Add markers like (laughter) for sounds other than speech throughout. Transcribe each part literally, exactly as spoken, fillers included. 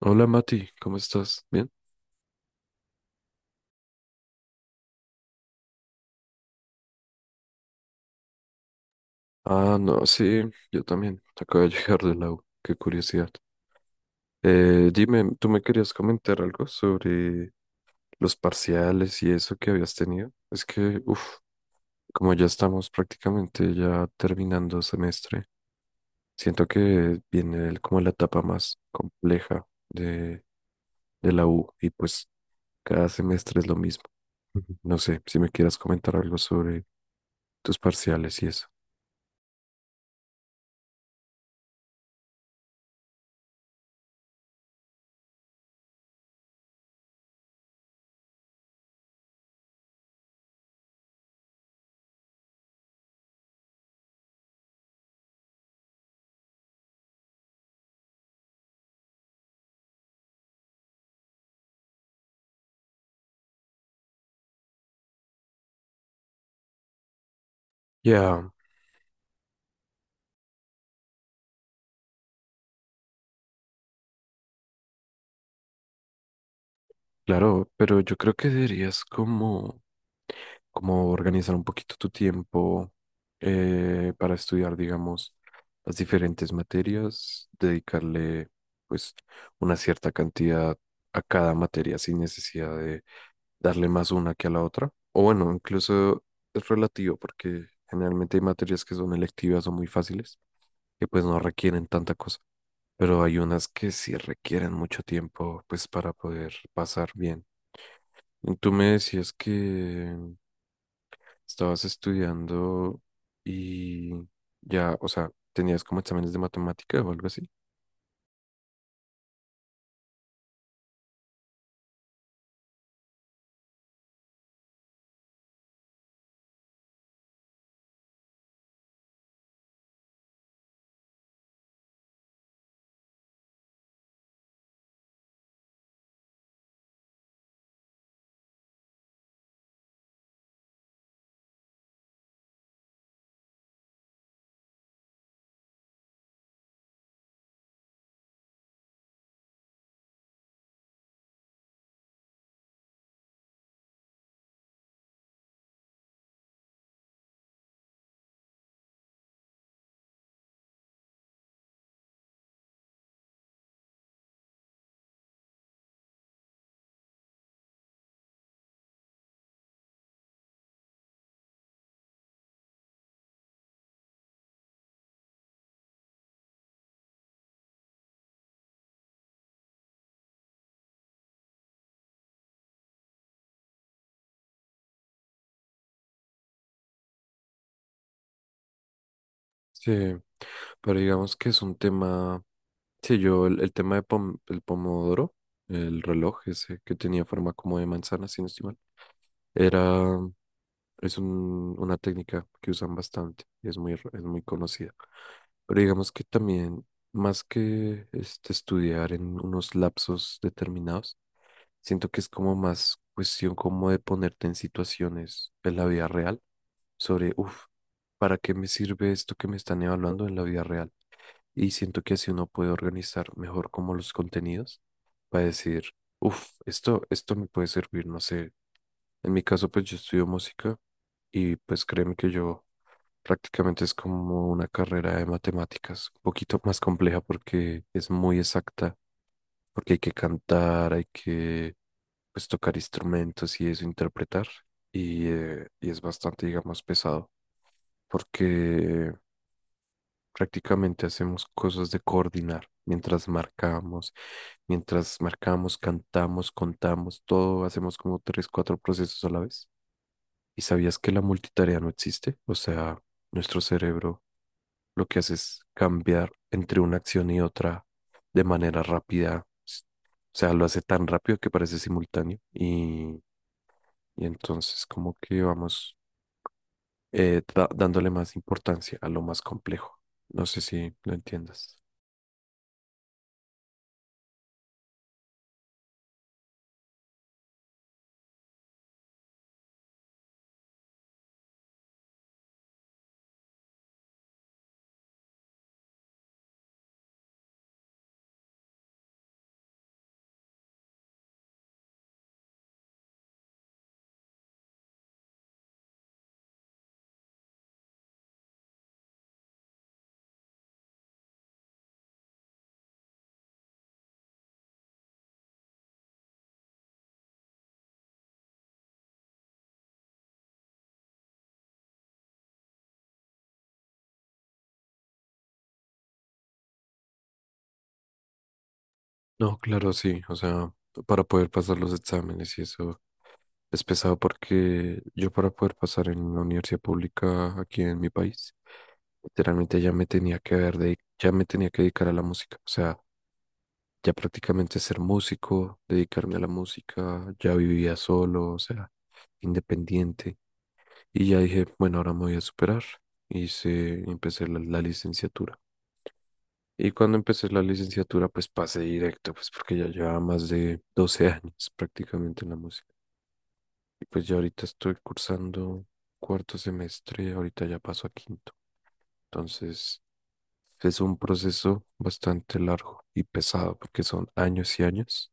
Hola Mati, ¿cómo estás? ¿Bien? Ah, no, sí, yo también. Acabo de llegar de la U, qué curiosidad. Eh, dime, ¿tú me querías comentar algo sobre los parciales y eso que habías tenido? Es que, uff, como ya estamos prácticamente ya terminando semestre, siento que viene el- como la etapa más compleja de, de la U y pues cada semestre es lo mismo. Ujú. No sé si me quieras comentar algo sobre tus parciales y eso. Ya, claro, pero yo creo que deberías como, como organizar un poquito tu tiempo eh, para estudiar, digamos, las diferentes materias, dedicarle pues una cierta cantidad a cada materia sin necesidad de darle más una que a la otra. O bueno, incluso es relativo porque generalmente hay materias que son electivas o muy fáciles que pues no requieren tanta cosa, pero hay unas que sí requieren mucho tiempo pues para poder pasar bien. Tú me decías que estabas estudiando y ya, o sea, tenías como exámenes de matemática o algo así. Sí, pero digamos que es un tema, sí, yo el, el tema de pom- el pomodoro, el reloj ese que tenía forma como de manzana, si no estoy mal, era, es un- una técnica que usan bastante y es muy, r- es muy conocida. Pero digamos que también, más que este, estudiar en unos lapsos determinados, siento que es como más cuestión como de ponerte en situaciones en la vida real sobre, uff, ¿para qué me sirve esto que me están evaluando en la vida real? Y siento que así uno puede organizar mejor como los contenidos para decir, uff, esto, esto me puede servir, no sé. En mi caso, pues yo estudio música y pues créeme que yo prácticamente es como una carrera de matemáticas, un poquito más compleja porque es muy exacta, porque hay que cantar, hay que pues tocar instrumentos y eso, interpretar. Y, eh, y es bastante, digamos, pesado, porque prácticamente hacemos cosas de coordinar mientras marcamos, mientras marcamos, cantamos, contamos, todo, hacemos como tres, cuatro procesos a la vez. ¿Y sabías que la multitarea no existe? O sea, nuestro cerebro lo que hace es cambiar entre una acción y otra de manera rápida. s- O sea, lo hace tan rápido que parece simultáneo y, y entonces como que vamos eh, da- dándole más importancia a lo más complejo. No sé si lo entiendas. No, claro, sí. O sea, para poder pasar los exámenes y eso es pesado porque yo para poder pasar en la universidad pública aquí en mi país, literalmente ya me tenía que haber de, ya me tenía que dedicar a la música. O sea, ya prácticamente ser músico, dedicarme a la música, ya vivía solo, o sea, independiente. Y ya dije, bueno, ahora me voy a superar. Hice, empecé la, la licenciatura. Y cuando empecé la licenciatura, pues pasé directo, pues porque ya llevaba más de doce años prácticamente en la música. Y pues ya ahorita estoy cursando cuarto semestre, ahorita ya paso a quinto. Entonces, es un proceso bastante largo y pesado porque son años y años.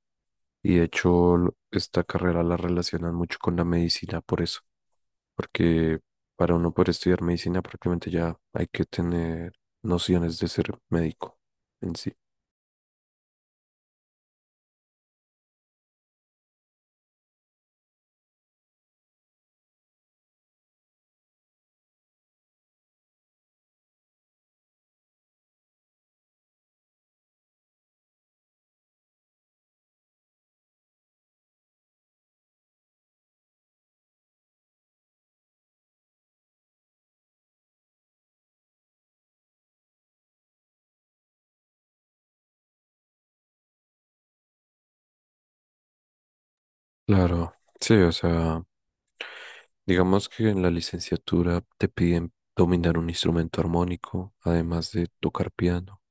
Y de hecho, lo- esta carrera la relacionan mucho con la medicina por eso, porque para uno poder estudiar medicina prácticamente ya hay que tener nociones de ser médico en sí. Claro, sí, o sea, digamos que en la licenciatura te piden dominar un instrumento armónico, además de tocar piano,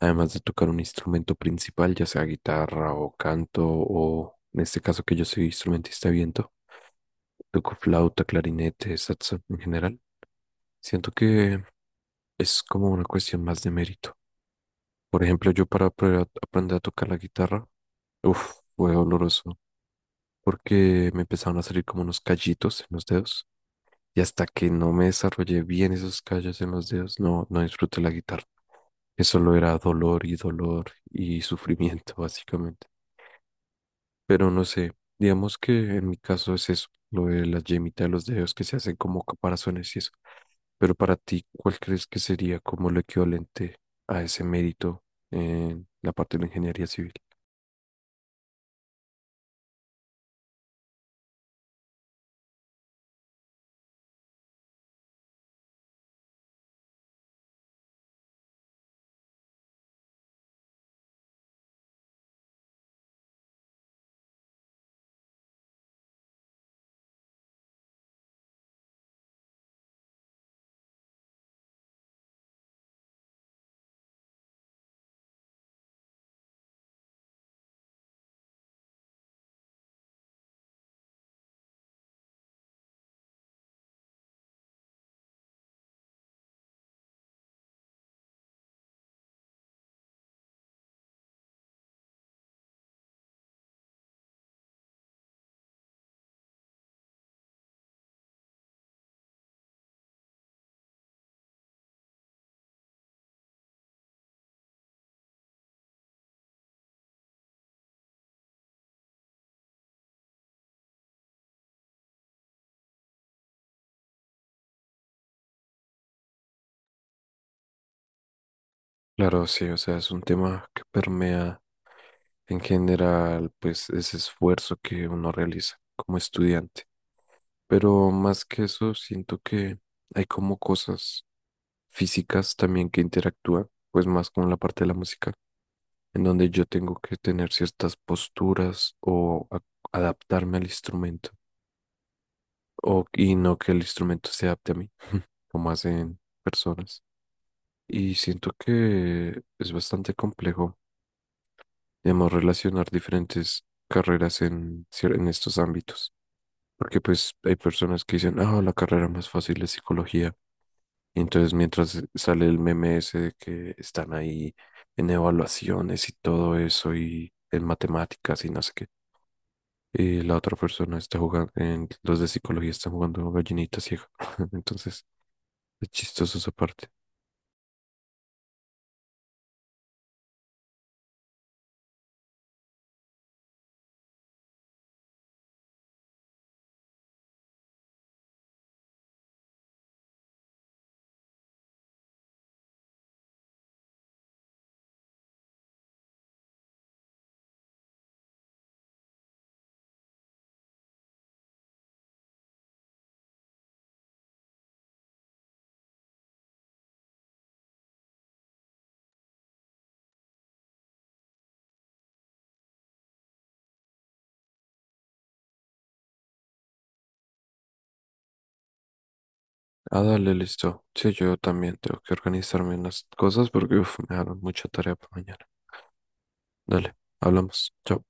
además de tocar un instrumento principal, ya sea guitarra o canto, o en este caso que yo soy instrumentista de viento, toco flauta, clarinete, saxo en general. Siento que es como una cuestión más de mérito. Por ejemplo, yo para apre- aprender a tocar la guitarra, uff, fue doloroso, porque me empezaron a salir como unos callitos en los dedos, y hasta que no me desarrollé bien esos callos en los dedos, no, no disfruté la guitarra. Eso solo era dolor y dolor y (laughs) sufrimiento, básicamente. Pero no sé, digamos que en mi caso es eso, lo de la yemita de los dedos que se hacen como caparazones y eso. Pero para ti, ¿cuál crees que sería como lo equivalente a ese mérito en la parte de la ingeniería civil? Claro, sí, o sea, es un tema que permea en general, pues, ese esfuerzo que uno realiza como estudiante. Pero más que eso, siento que hay como cosas físicas también que interactúan, pues más con la parte de la música en donde yo tengo que tener ciertas posturas o a- adaptarme al instrumento o, y no que el instrumento se adapte a mí, como hacen personas. Y siento que es bastante complejo, digamos, relacionar diferentes carreras en, cier- en estos ámbitos, porque pues hay personas que dicen, ah, la carrera más fácil es psicología. Y entonces mientras sale el meme ese de que están ahí en evaluaciones y todo eso y en matemáticas y no sé qué, y la otra persona está jugando, en, los de psicología están jugando gallinita ciega. (laughs) Entonces, es chistoso esa parte. Ah, dale, listo. Sí, yo también tengo que organizarme en las cosas porque uf, me dejaron mucha tarea para mañana. Dale, hablamos. Chao.